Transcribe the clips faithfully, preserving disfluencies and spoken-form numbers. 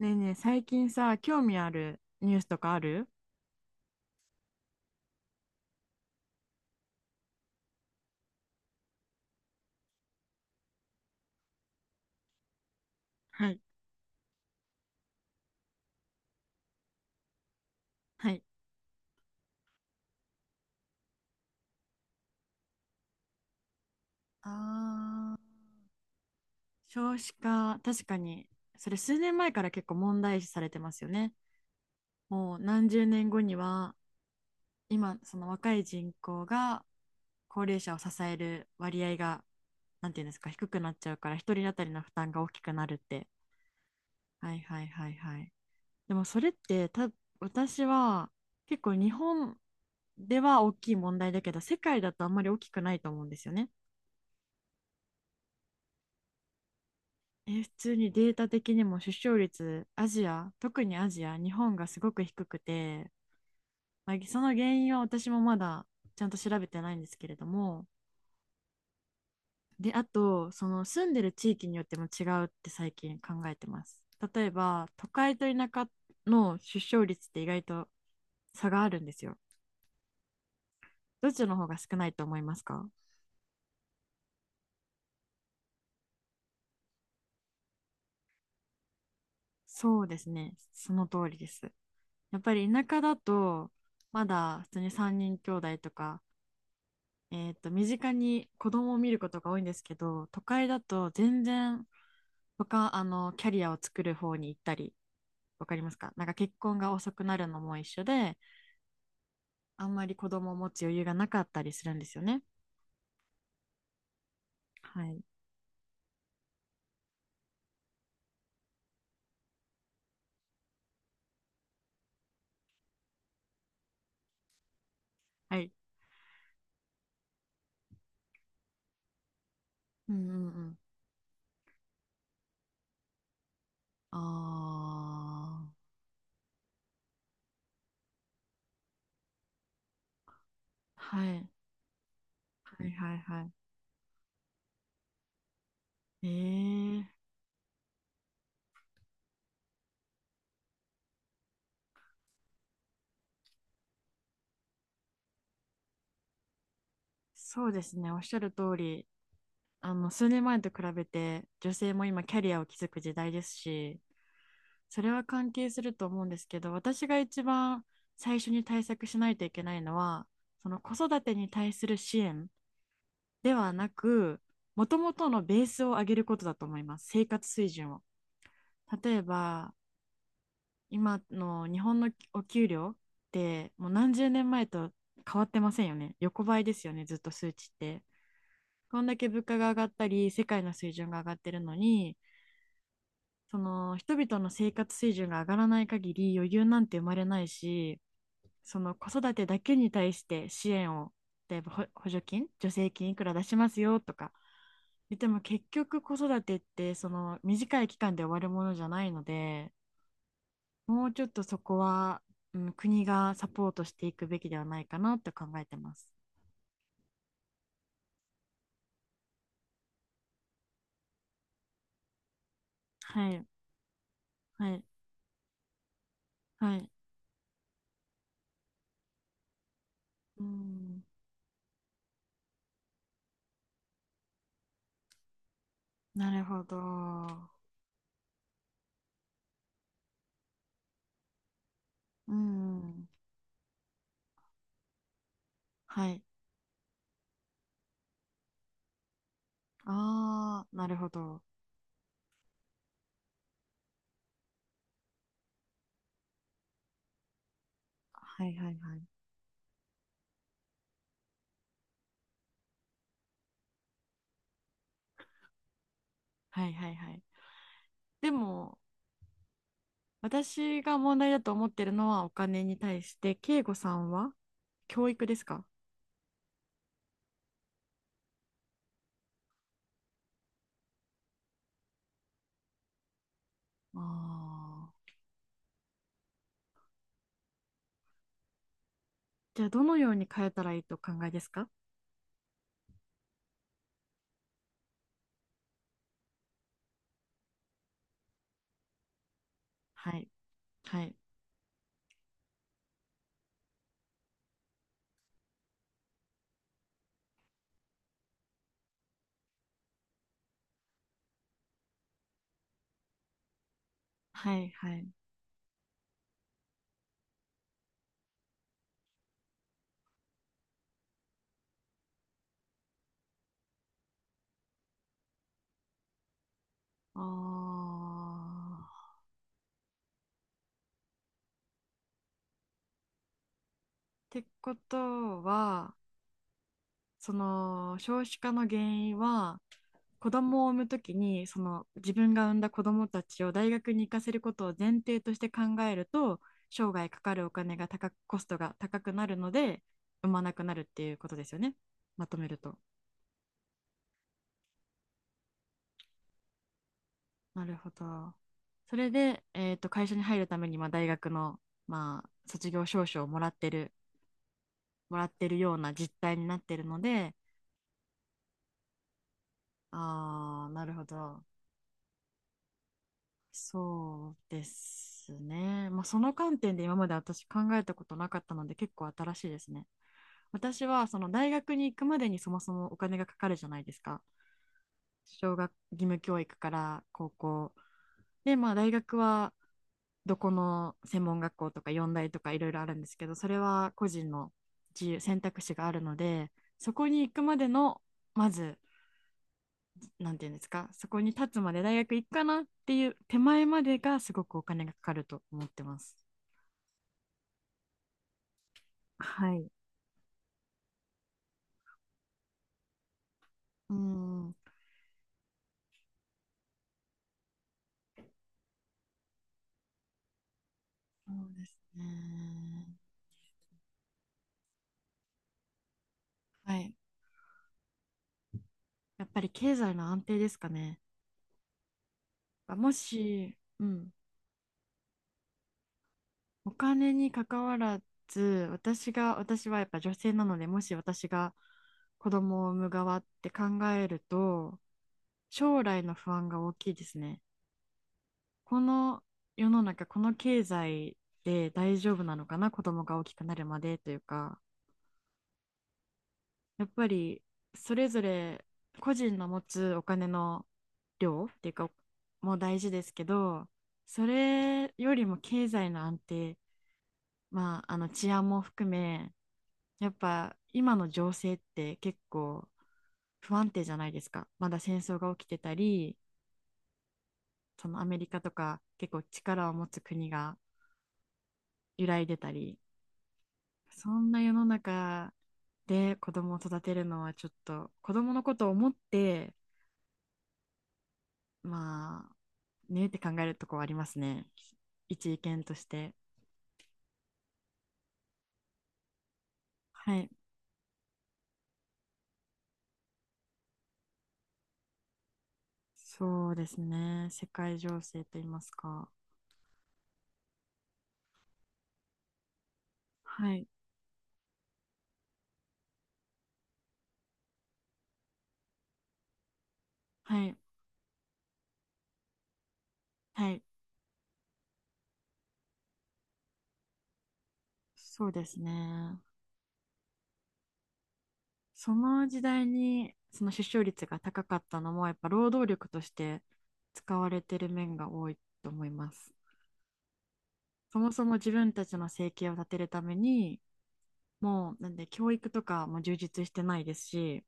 ねえねえ、最近さ、興味あるニュースとかある？はい。はい。あー少子化、確かに、それ数年前から結構問題視されてますよね。もう何十年後には、今、その若い人口が高齢者を支える割合が、なんていうんですか、低くなっちゃうから、一人当たりの負担が大きくなるって。はいはいはいはい。でもそれってた、私は結構日本では大きい問題だけど、世界だとあんまり大きくないと思うんですよね。え、普通にデータ的にも出生率、アジア、特にアジア、日本がすごく低くて、まあ、その原因は私もまだちゃんと調べてないんですけれども、で、あと、その住んでる地域によっても違うって最近考えてます。例えば、都会と田舎の出生率って意外と差があるんですよ。どっちの方が少ないと思いますか？そうですね。その通りです。やっぱり田舎だと、まだ普通にさんにん兄弟とか、えっと、身近に子供を見ることが多いんですけど、都会だと全然他、あの、キャリアを作る方に行ったり、わかりますか？なんか結婚が遅くなるのも一緒で、あんまり子供を持つ余裕がなかったりするんですよね。はい。はい。うんうんうん。ああ。はい。はいはいはい。ええ、そうですね。おっしゃる通り、あの数年前と比べて女性も今キャリアを築く時代ですし、それは関係すると思うんですけど、私が一番最初に対策しないといけないのは、その子育てに対する支援ではなく、もともとのベースを上げることだと思います。生活水準を。例えば、今の日本のお給料って、もう何十年前と変わってませんよね。横ばいですよね、ずっと数値って。こんだけ物価が上がったり世界の水準が上がってるのに、その人々の生活水準が上がらない限り余裕なんて生まれないし、その子育てだけに対して支援を、例えばほ補助金、助成金いくら出しますよとか言っても、結局子育てってその短い期間で終わるものじゃないので、もうちょっとそこは、うん、国がサポートしていくべきではないかなって考えてます。はい、はい、はい。うん、なるほど。うん、はい。ああ、なるほど。はいはいはい。はいはいはい。でも、私が問題だと思ってるのはお金に対して、慶吾さんは教育ですか？ああー。じゃあ、どのように変えたらいいとお考えですか？はい。はい。はい。はい。ああ。ってことは、その、少子化の原因は、子供を産むときに、その自分が産んだ子供たちを大学に行かせることを前提として考えると、生涯かかるお金が高く、コストが高くなるので産まなくなるっていうことですよね、まとめると。なるほど。それで、えーと会社に入るために、まあ、大学の、まあ、卒業証書をもらってるもらってるような実態になってるので。あー、なるほど。そうですね。まあ、その観点で今まで私考えたことなかったので結構新しいですね。私はその大学に行くまでにそもそもお金がかかるじゃないですか。小学義務教育から高校。で、まあ大学はどこの専門学校とか四大とかいろいろあるんですけど、それは個人の自由、選択肢があるので、そこに行くまでの、まず、なんていうんですか、そこに立つまで大学行くかなっていう手前までがすごくお金がかかると思ってます。はい。うん、そうですね。はい。やっぱり経済の安定ですかね。もし、うん、お金に関わらず、私が、私はやっぱ女性なので、もし私が子供を産む側って考えると、将来の不安が大きいですね。この世の中、この経済で大丈夫なのかな、子供が大きくなるまでというか、やっぱりそれぞれ個人の持つお金の量っていうかも大事ですけど、それよりも経済の安定、まあ、あの治安も含め、やっぱ今の情勢って結構不安定じゃないですか。まだ戦争が起きてたり、そのアメリカとか結構力を持つ国が揺らいでたり、そんな世の中で子供を育てるのはちょっと子供のことを思って、まあ、ねって考えるとこはありますね。一意見として。はい。そうですね。世界情勢と言いますか。はい。はい。はい。そうですね。その時代に、その出生率が高かったのも、やっぱ労働力として使われてる面が多いと思います。そもそも自分たちの生計を立てるために、もう、なんで教育とかも充実してないですし、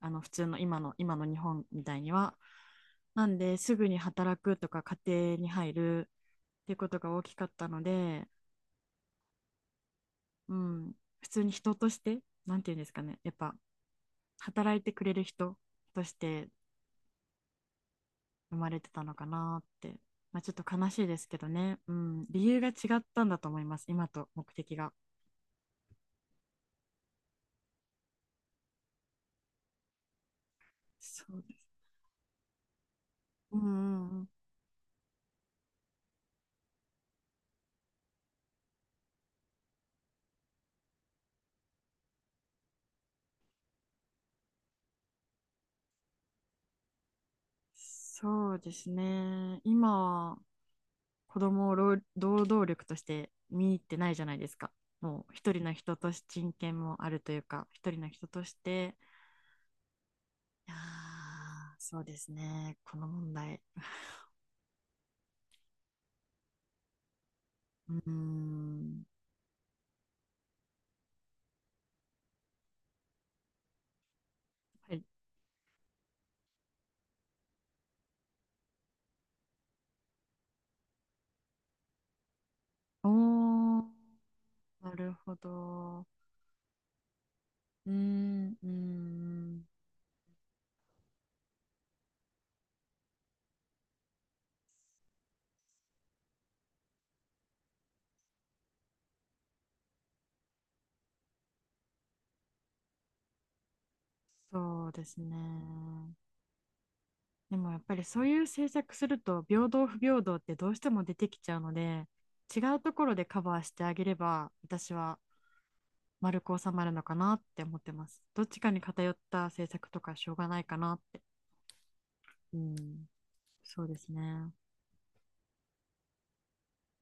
あの普通の今の今の日本みたいには。なんですぐに働くとか家庭に入るっていうことが大きかったので、うん、普通に人として、なんていうんですかね、やっぱ働いてくれる人として生まれてたのかなって、まあ、ちょっと悲しいですけどね、うん、理由が違ったんだと思います、今と目的が。そうです。うんうんうん。そうですね、今は子供を労働力として見入ってないじゃないですか。もう一人の人として人権もあるというか、一人の人として。いや、そうですね、この問題。うーん。はい、おー、なるほど。うーん、うーん。そうですね。でもやっぱりそういう政策すると、平等不平等ってどうしても出てきちゃうので、違うところでカバーしてあげれば、私は丸く収まるのかなって思ってます。どっちかに偏った政策とかしょうがないかなって。うん、そうですね。